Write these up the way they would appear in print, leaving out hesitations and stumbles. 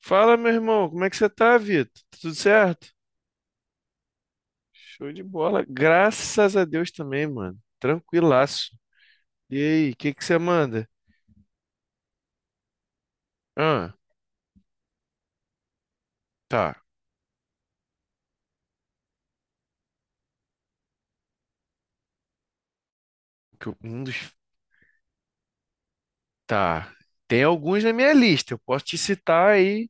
Fala, meu irmão, como é que você tá, Vitor? Tá tudo certo? Show de bola. Graças a Deus também, mano. Tranquilaço. E aí, o que que você manda? Ah, tá. Que eu- Um dos... Tá. Tem alguns na minha lista. Eu posso te citar aí.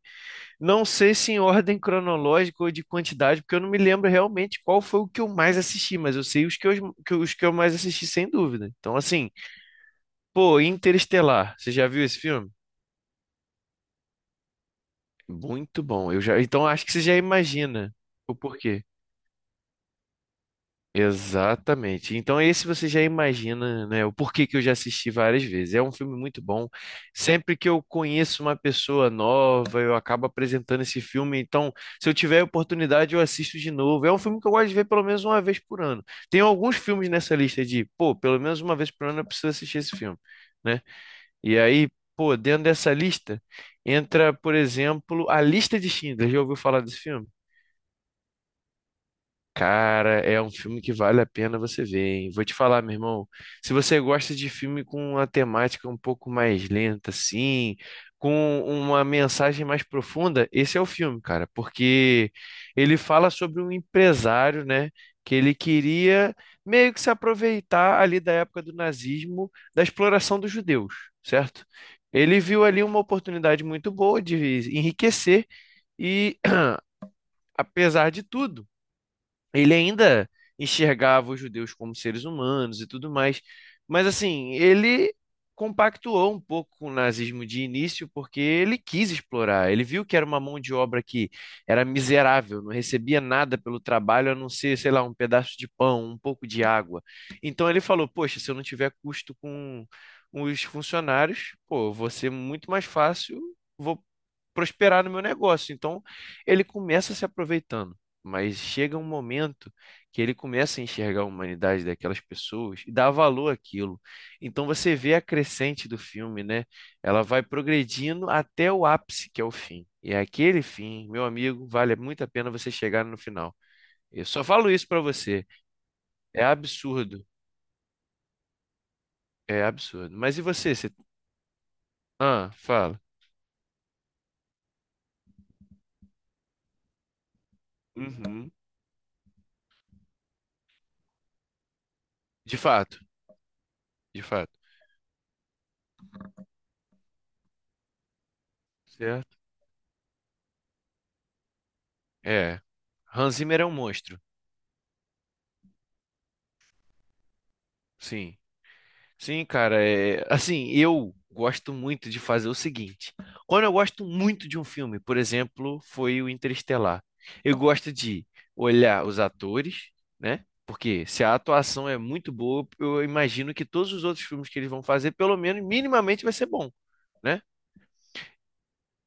Não sei se em ordem cronológica ou de quantidade, porque eu não me lembro realmente qual foi o que eu mais assisti, mas eu sei os que eu mais assisti, sem dúvida. Então, assim, pô, Interestelar. Você já viu esse filme? Muito bom. Então, acho que você já imagina o porquê. Exatamente. Então, esse você já imagina, né, o porquê que eu já assisti várias vezes. É um filme muito bom. Sempre que eu conheço uma pessoa nova, eu acabo apresentando esse filme. Então, se eu tiver a oportunidade, eu assisto de novo. É um filme que eu gosto de ver pelo menos uma vez por ano. Tem alguns filmes nessa lista de, pô, pelo menos uma vez por ano eu preciso assistir esse filme, né? E aí, pô, dentro dessa lista entra, por exemplo, A Lista de Schindler. Já ouviu falar desse filme? Cara, é um filme que vale a pena você ver, hein? Vou te falar, meu irmão. Se você gosta de filme com uma temática um pouco mais lenta, assim, com uma mensagem mais profunda, esse é o filme, cara, porque ele fala sobre um empresário, né, que ele queria meio que se aproveitar ali da época do nazismo, da exploração dos judeus, certo? Ele viu ali uma oportunidade muito boa de enriquecer e, apesar de tudo ele ainda enxergava os judeus como seres humanos e tudo mais, mas assim, ele compactuou um pouco com o nazismo de início porque ele quis explorar, ele viu que era uma mão de obra que era miserável, não recebia nada pelo trabalho a não ser, sei lá, um pedaço de pão, um pouco de água. Então ele falou: poxa, se eu não tiver custo com os funcionários, pô, vou ser muito mais fácil, vou prosperar no meu negócio. Então ele começa se aproveitando. Mas chega um momento que ele começa a enxergar a humanidade daquelas pessoas e dá valor àquilo. Então você vê a crescente do filme, né? Ela vai progredindo até o ápice, que é o fim. E é aquele fim, meu amigo, vale muito a pena você chegar no final. Eu só falo isso pra você. É absurdo. É absurdo. Mas e você? Ah, fala. Uhum. De fato, de fato. Certo. É. Hans Zimmer é um monstro. Sim. Sim, cara, é, assim, eu gosto muito de fazer o seguinte. Quando eu gosto muito de um filme, por exemplo, foi o Interestelar. Eu gosto de olhar os atores, né? Porque se a atuação é muito boa, eu imagino que todos os outros filmes que eles vão fazer, pelo menos minimamente vai ser bom, né?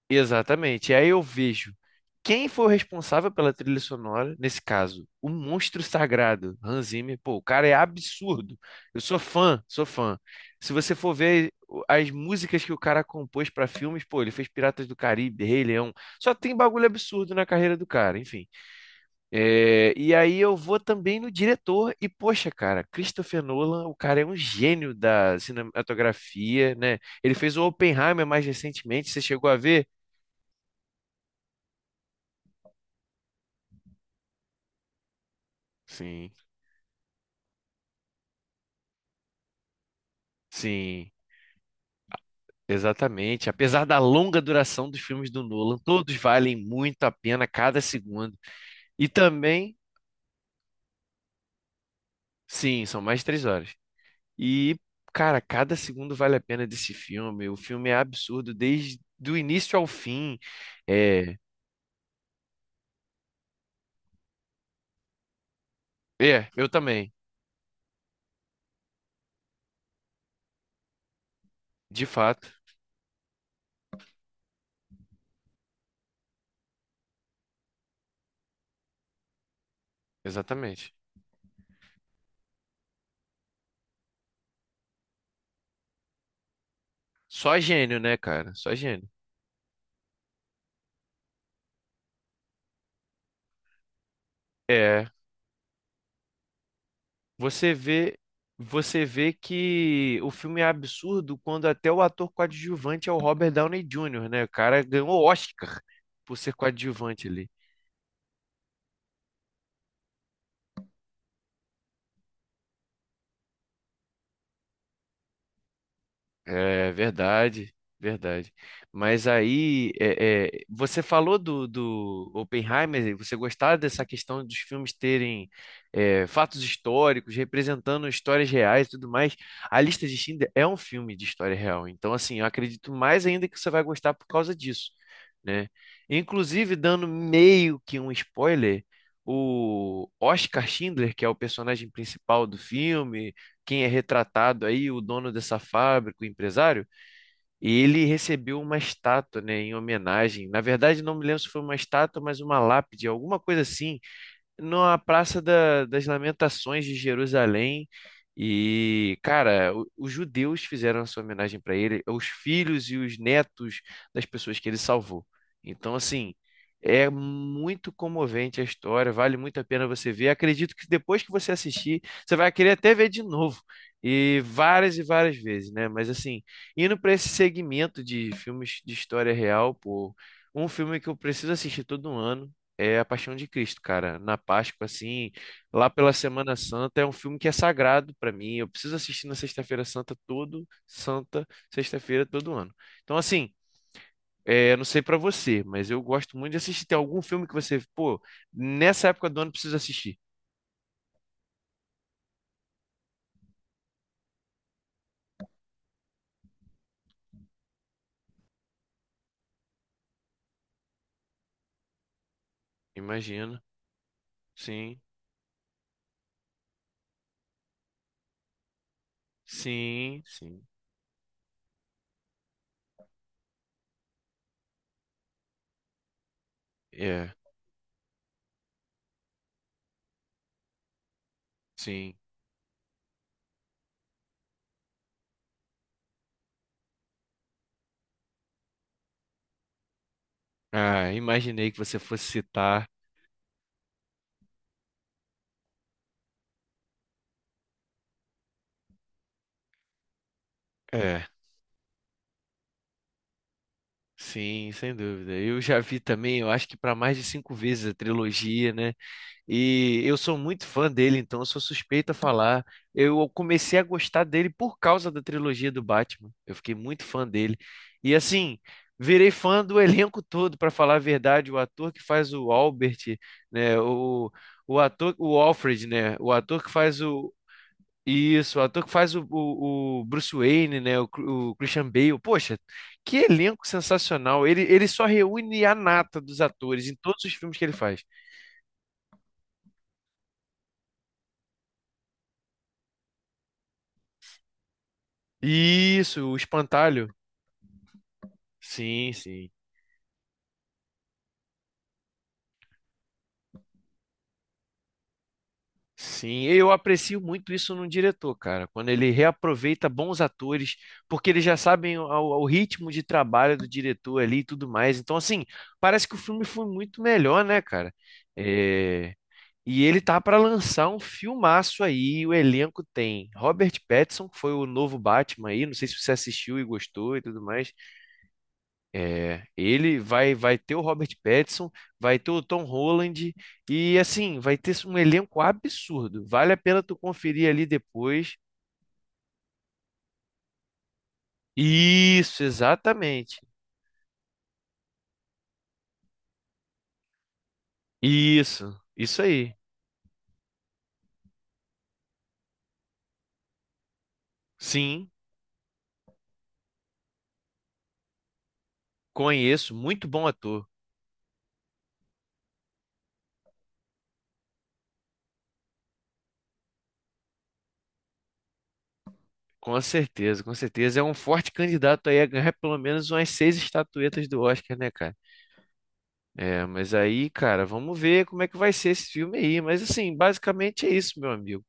Exatamente. E aí eu vejo quem foi o responsável pela trilha sonora, nesse caso, o monstro sagrado, Hans Zimmer. Pô, o cara é absurdo. Eu sou fã, sou fã. Se você for ver as músicas que o cara compôs para filmes, pô, ele fez Piratas do Caribe, Rei Leão. Só tem bagulho absurdo na carreira do cara, enfim. É, e aí eu vou também no diretor e, poxa, cara, Christopher Nolan, o cara é um gênio da cinematografia, né? Ele fez o Oppenheimer mais recentemente, você chegou a ver? Sim. Sim, exatamente. Apesar da longa duração dos filmes do Nolan, todos valem muito a pena cada segundo. E também, sim, são mais de 3 horas. E, cara, cada segundo vale a pena desse filme. O filme é absurdo desde do início ao fim. É, eu também, de fato, exatamente. Só gênio, né, cara? Só gênio. É. Você vê, você vê que o filme é absurdo quando até o ator coadjuvante é o Robert Downey Jr., né? O cara ganhou Oscar por ser coadjuvante ali. É verdade, verdade. Mas aí, você falou do Oppenheimer, e você gostava dessa questão dos filmes terem é, fatos históricos, representando histórias reais e tudo mais. A Lista de Schindler é um filme de história real, então assim, eu acredito mais ainda que você vai gostar por causa disso, né? Inclusive, dando meio que um spoiler, o Oscar Schindler, que é o personagem principal do filme quem é retratado aí, o dono dessa fábrica, o empresário, ele recebeu uma estátua, né, em homenagem. Na verdade, não me lembro se foi uma estátua, mas uma lápide, alguma coisa assim, na das Lamentações de Jerusalém. E, cara, os judeus fizeram a sua homenagem para ele, os filhos e os netos das pessoas que ele salvou. Então, assim, é muito comovente a história, vale muito a pena você ver. Acredito que depois que você assistir, você vai querer até ver de novo. E várias vezes, né? Mas assim, indo para esse segmento de filmes de história real, pô, um filme que eu preciso assistir todo ano é A Paixão de Cristo, cara. Na Páscoa, assim, lá pela Semana Santa, é um filme que é sagrado pra mim. Eu preciso assistir na Sexta-feira todo ano. Então, assim, é, eu não sei pra você, mas eu gosto muito de assistir. Tem algum filme que você, pô, nessa época do ano precisa assistir? Imagina. Sim, sim, sim. É, sim. Ah, imaginei que você fosse citar. É, sim, sem dúvida. Eu já vi também, eu acho que para mais de cinco vezes a trilogia, né? E eu sou muito fã dele, então eu sou suspeito a falar. Eu comecei a gostar dele por causa da trilogia do Batman. Eu fiquei muito fã dele. E assim, virei fã do elenco todo, para falar a verdade. O ator que faz o Albert, né? O ator, o Alfred, né? O ator que faz o. Isso, o ator que faz o Bruce Wayne, né? O, o Christian Bale. Poxa, que elenco sensacional! Ele só reúne a nata dos atores em todos os filmes que ele faz. Isso, o espantalho. Sim, sim. Sim, eu aprecio muito isso num diretor, cara, quando ele reaproveita bons atores, porque eles já sabem o ritmo de trabalho do diretor ali e tudo mais. Então, assim, parece que o filme foi muito melhor, né, cara? É, e ele tá pra lançar um filmaço aí, o elenco tem Robert Pattinson, que foi o novo Batman aí, não sei se você assistiu e gostou e tudo mais. É, ele vai ter o Robert Pattinson, vai ter o Tom Holland e assim, vai ter um elenco absurdo. Vale a pena tu conferir ali depois. Isso, exatamente. Isso aí. Sim, conheço, muito bom ator. Com certeza, com certeza. É um forte candidato aí a ganhar pelo menos umas seis estatuetas do Oscar, né, cara? É, mas aí, cara, vamos ver como é que vai ser esse filme aí. Mas assim, basicamente é isso, meu amigo.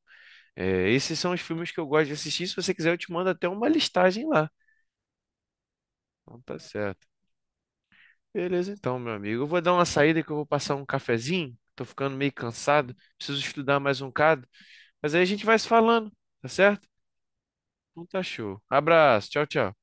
É, esses são os filmes que eu gosto de assistir. Se você quiser, eu te mando até uma listagem lá. Então tá certo. Beleza, então, meu amigo. Eu vou dar uma saída que eu vou passar um cafezinho. Tô ficando meio cansado. Preciso estudar mais um bocado. Mas aí a gente vai se falando, tá certo? Então tá show. Abraço. Tchau, tchau.